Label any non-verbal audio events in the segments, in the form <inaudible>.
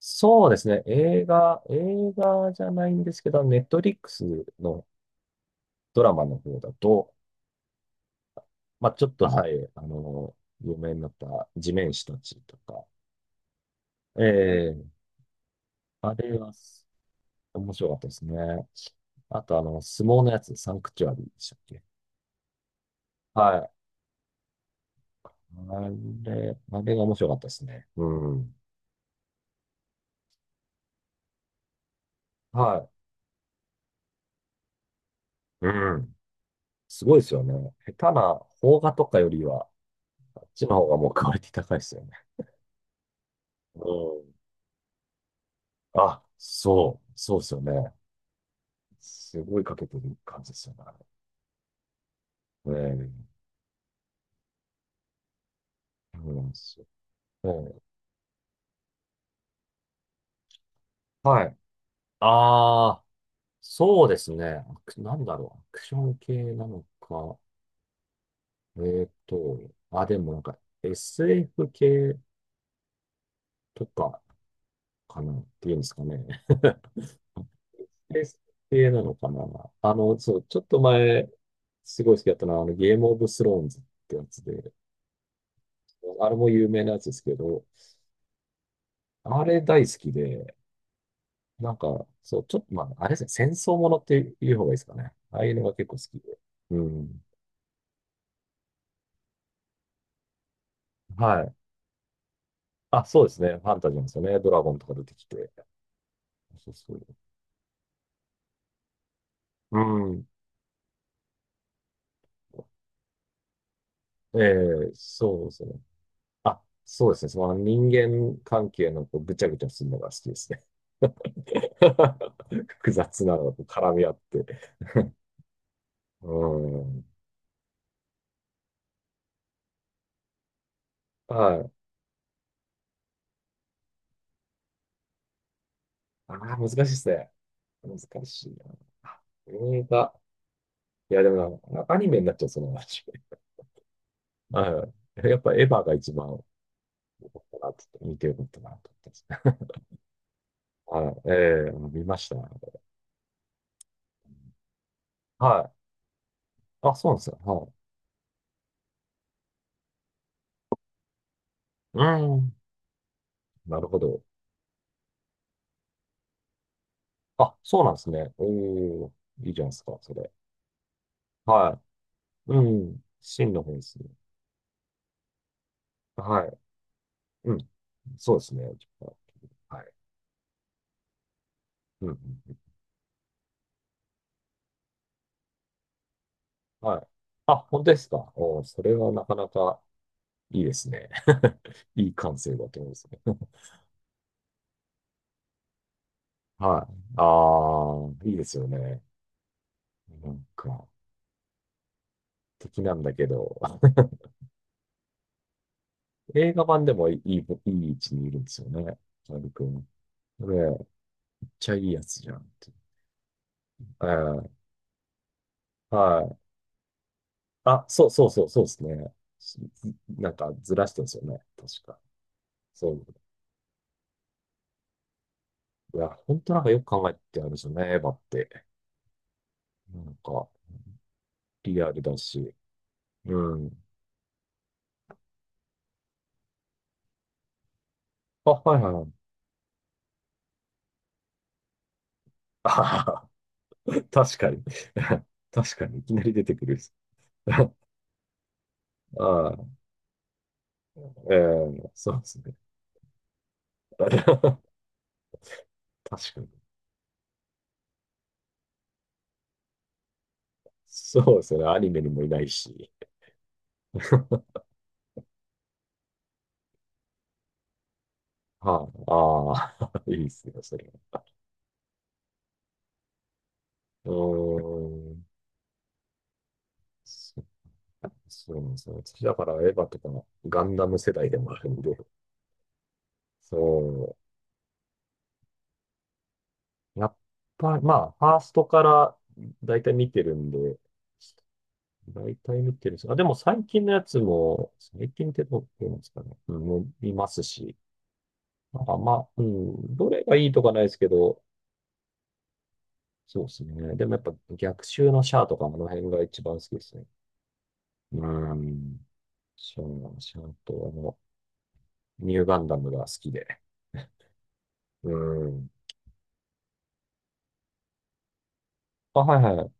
そうですね。映画じゃないんですけど、ネットリックスのドラマの方だと、まあ、ちょっと、はい、あの、有名になった地面師たちとか、ええあれは面白かったですね。あと、相撲のやつ、サンクチュアリーでしたっけ。はい。ああれが面白かったですね。うん。はい。うん。すごいですよね。下手な邦画とかよりは、あっちの方がもうクオリティ高いですよね。うん。そうですよね。すごいかけてる感じですよね。ええ、そうなんですよ。ええ、はい。ああ、そうですね。アクなんだろう。アクション系なのか。えっと、あ、でもなんか SF 系とかかなっていうんですかね。<laughs> SF 系なのかな。そう、ちょっと前、すごい好きだったのは、ゲームオブスローンズってやつで、あれも有名なやつですけど、あれ大好きで、なんか、そう、ちょっと、まあ、あれですね、戦争ものっていう方がいいですかね。ああいうのが結構好きで。うん。はい。あ、そうですね。ファンタジーなんですよね。ドラゴンとか出てきて。そうそう。うん。ええ、そうですね。あ、そうですね。その人間関係のこうぐちゃぐちゃするのが好きですね。<laughs> 複雑なのがこう絡み合って。<laughs> うん。はい。ああ、難しいですね。難しいな。あ、映画。いや、でもな、アニメになっちゃう、その話。はい。やっぱエヴァが一番かなって見てよかったなと思ってますね。はい。ええ、見ました。はい。あ、そうなんですよ。はい。うーん。なるほど。あ、そうなんですね。うーん。いいじゃないですか、それ。はい。うん。真の方ですね。はい。うん。そうですね。ちょっとはい。うんうん。うん。はい。あ、本当ですか。おー、それはなかなかいいですね。<laughs> いい感性だと思うんですね。<laughs> はい。ああ、いいですよね。なんか。敵なんだけど、<laughs> 映画版でもいい位置にいるんですよね。カール君。これ、めっちゃいいやつじゃんって。ええ、はい。そうですね。なんかずらしてるんですよね。確か。そう。いや、本当なんかよく考えてあるんですよね、エヴァって。なんか、リアルだし。うん。あ、はいはいはい。あはは。 <laughs> 確かに。<laughs> 確かに、いきなり出てくる。<laughs> ああ、ええ、そうですね。<laughs> 確かに。そうですね。アニメにもいないし。<laughs> はあ、ああ、<laughs> いいですよ、それは。うーん。そそうなんですよ。私だからエヴァとかガンダム世代でもあるんで、そう。やっぱり、まあ、ファーストから大体見てるんで、大体見てるんです。あ、でも最近のやつも、最近ってどう言うんですかね。うん、見ますし。どれがいいとかないですけど、そうですね。でもやっぱ逆襲のシャアとかもあの辺が一番好きですね。うん。シャアとニューガンダムが好きで。うん。あ、はいはい。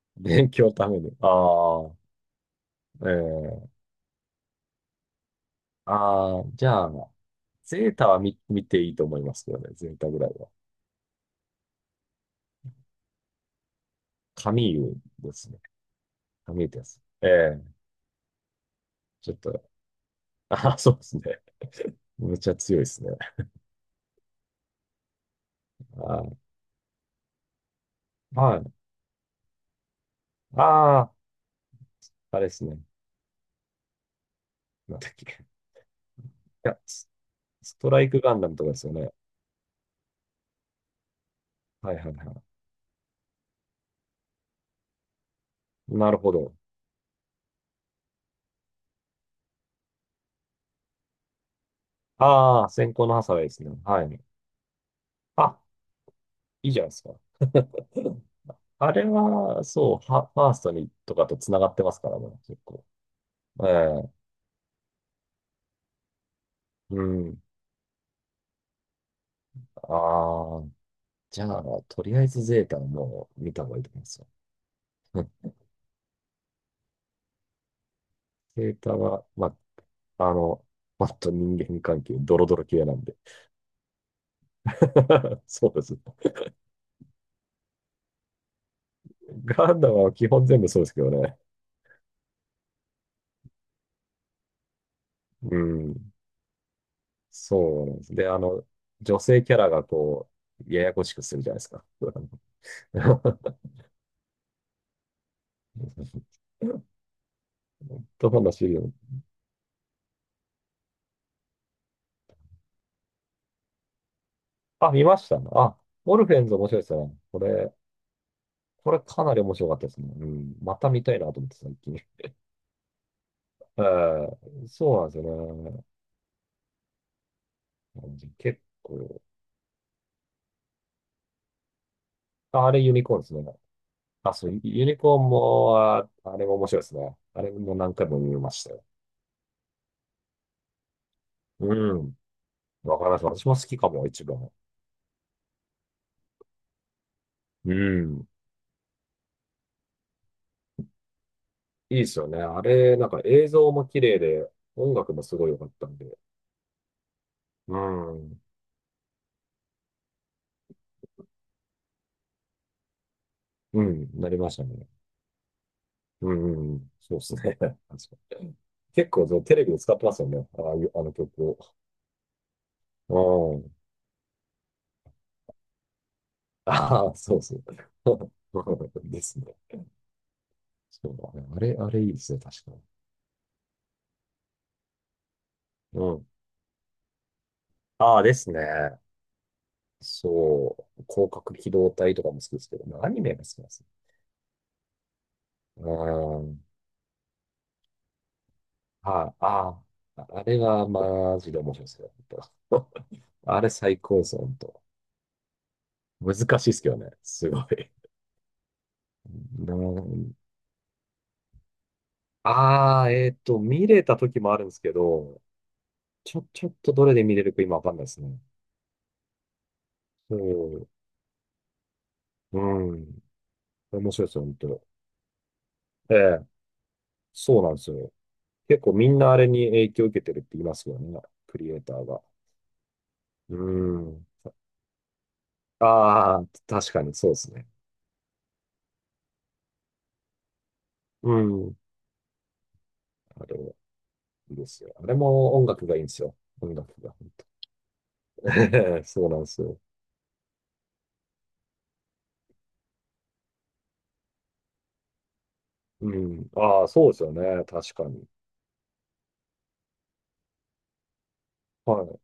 <laughs> 勉強のために。ああ、ええ。ああー、じゃあ、ゼータは見ていいと思いますけどね。ゼータぐらいは。カミーユですね。カミーユです。ええ。ちょっと、<laughs> ああ、そうですね。めっちゃ強いですね。ああ、はい。ああ、あれですね。なんだっけ。や、スストライクガンダムとかですよね。はいはいはい。なるほど。ああ、先行のハサウェイですね。はい。あ、いいじゃないですか。うん。あれは、ファーストにとかと繋がってますからね、結構。ええ、うん。ああ、じゃあ、とりあえずゼータはもう見た方がいいと思いますよ。うん。ゼータは、あ、あの、もっと人間関係、ドロドロ系なんで。<laughs> そうです。ガンダムは基本全部そうですけどね。うん。そうなんです。で、女性キャラがこう、ややこしくするじゃないですか。<laughs> と話を。あ、見ました。あ、オルフェンズ面白いですね。これかなり面白かったですね。うん。また見たいなと思って、最近。<laughs> えー、そうなんですよね。結構。あ、あれユニコーンですね。あ、そう、ユニコーンも、あ、あれも面白いですね。あれも何回も見ましたよ。うん。わかります。私も好きかも、一番。うん。いいですよね。あれ、なんか映像も綺麗で、音楽もすごい良かったんで。うん。うん、なりましたね。うん、そうですね。<laughs> 確かに結構そうテレビで使ってますよね。ああいう、あの曲を。うん。ああ、そうそう。<laughs> ですね。そう、あれ、あれいいですね、確かに。うん。ああ、ですね。そう。広角機動隊とかも好きですけどね、アニメが好きなんですよ。うん。はい。ああ、あれはマジで面白いですよ。あれ最高です、本んと。難しいっすけどね。すごい。なんああ、見れた時もあるんですけど、ちょっとどれで見れるか今わかんないですね。そう。うん。面白いですよ、本当ん。ええ、そうなんですよ。結構みんなあれに影響を受けてるって言いますよね。クリエイターが。うん。ああ、確かにそうですね。うん。あれ、いいですよ。あれも音楽がいいんですよ。音楽が。本当。 <laughs> そうなんですよ。うん。ああ、そうですよね。確かに。はい。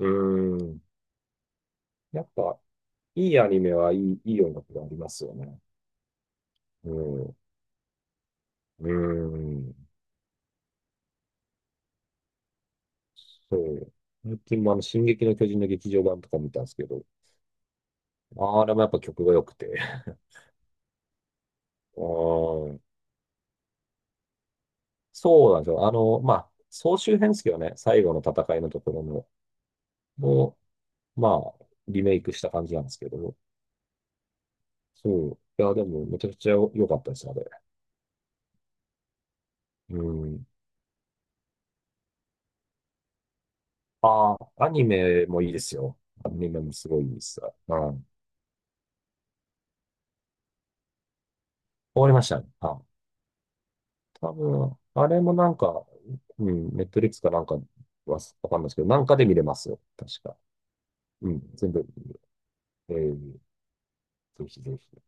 うん。やっぱ、いいアニメはいい音楽がありますよね。うん。うん。そう。最近もあの、進撃の巨人の劇場版とか見たんですけど、あれもやっぱ曲が良くて。<laughs> うん。そうなんですよ。総集編ですけどね、最後の戦いのところの、もう、まあ、リメイクした感じなんですけど、そう。いや、でも、めちゃくちゃ良かったです、あれ。うん。ああ、アニメもいいですよ。アニメもすごいいいです。うん。終わりましたね。あ、多分、あれもなんか、うん、ネットリックスかなんかはわかんないですけど、なんかで見れますよ。確か。うん、全部、えー、ぜひぜひ。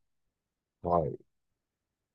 はい。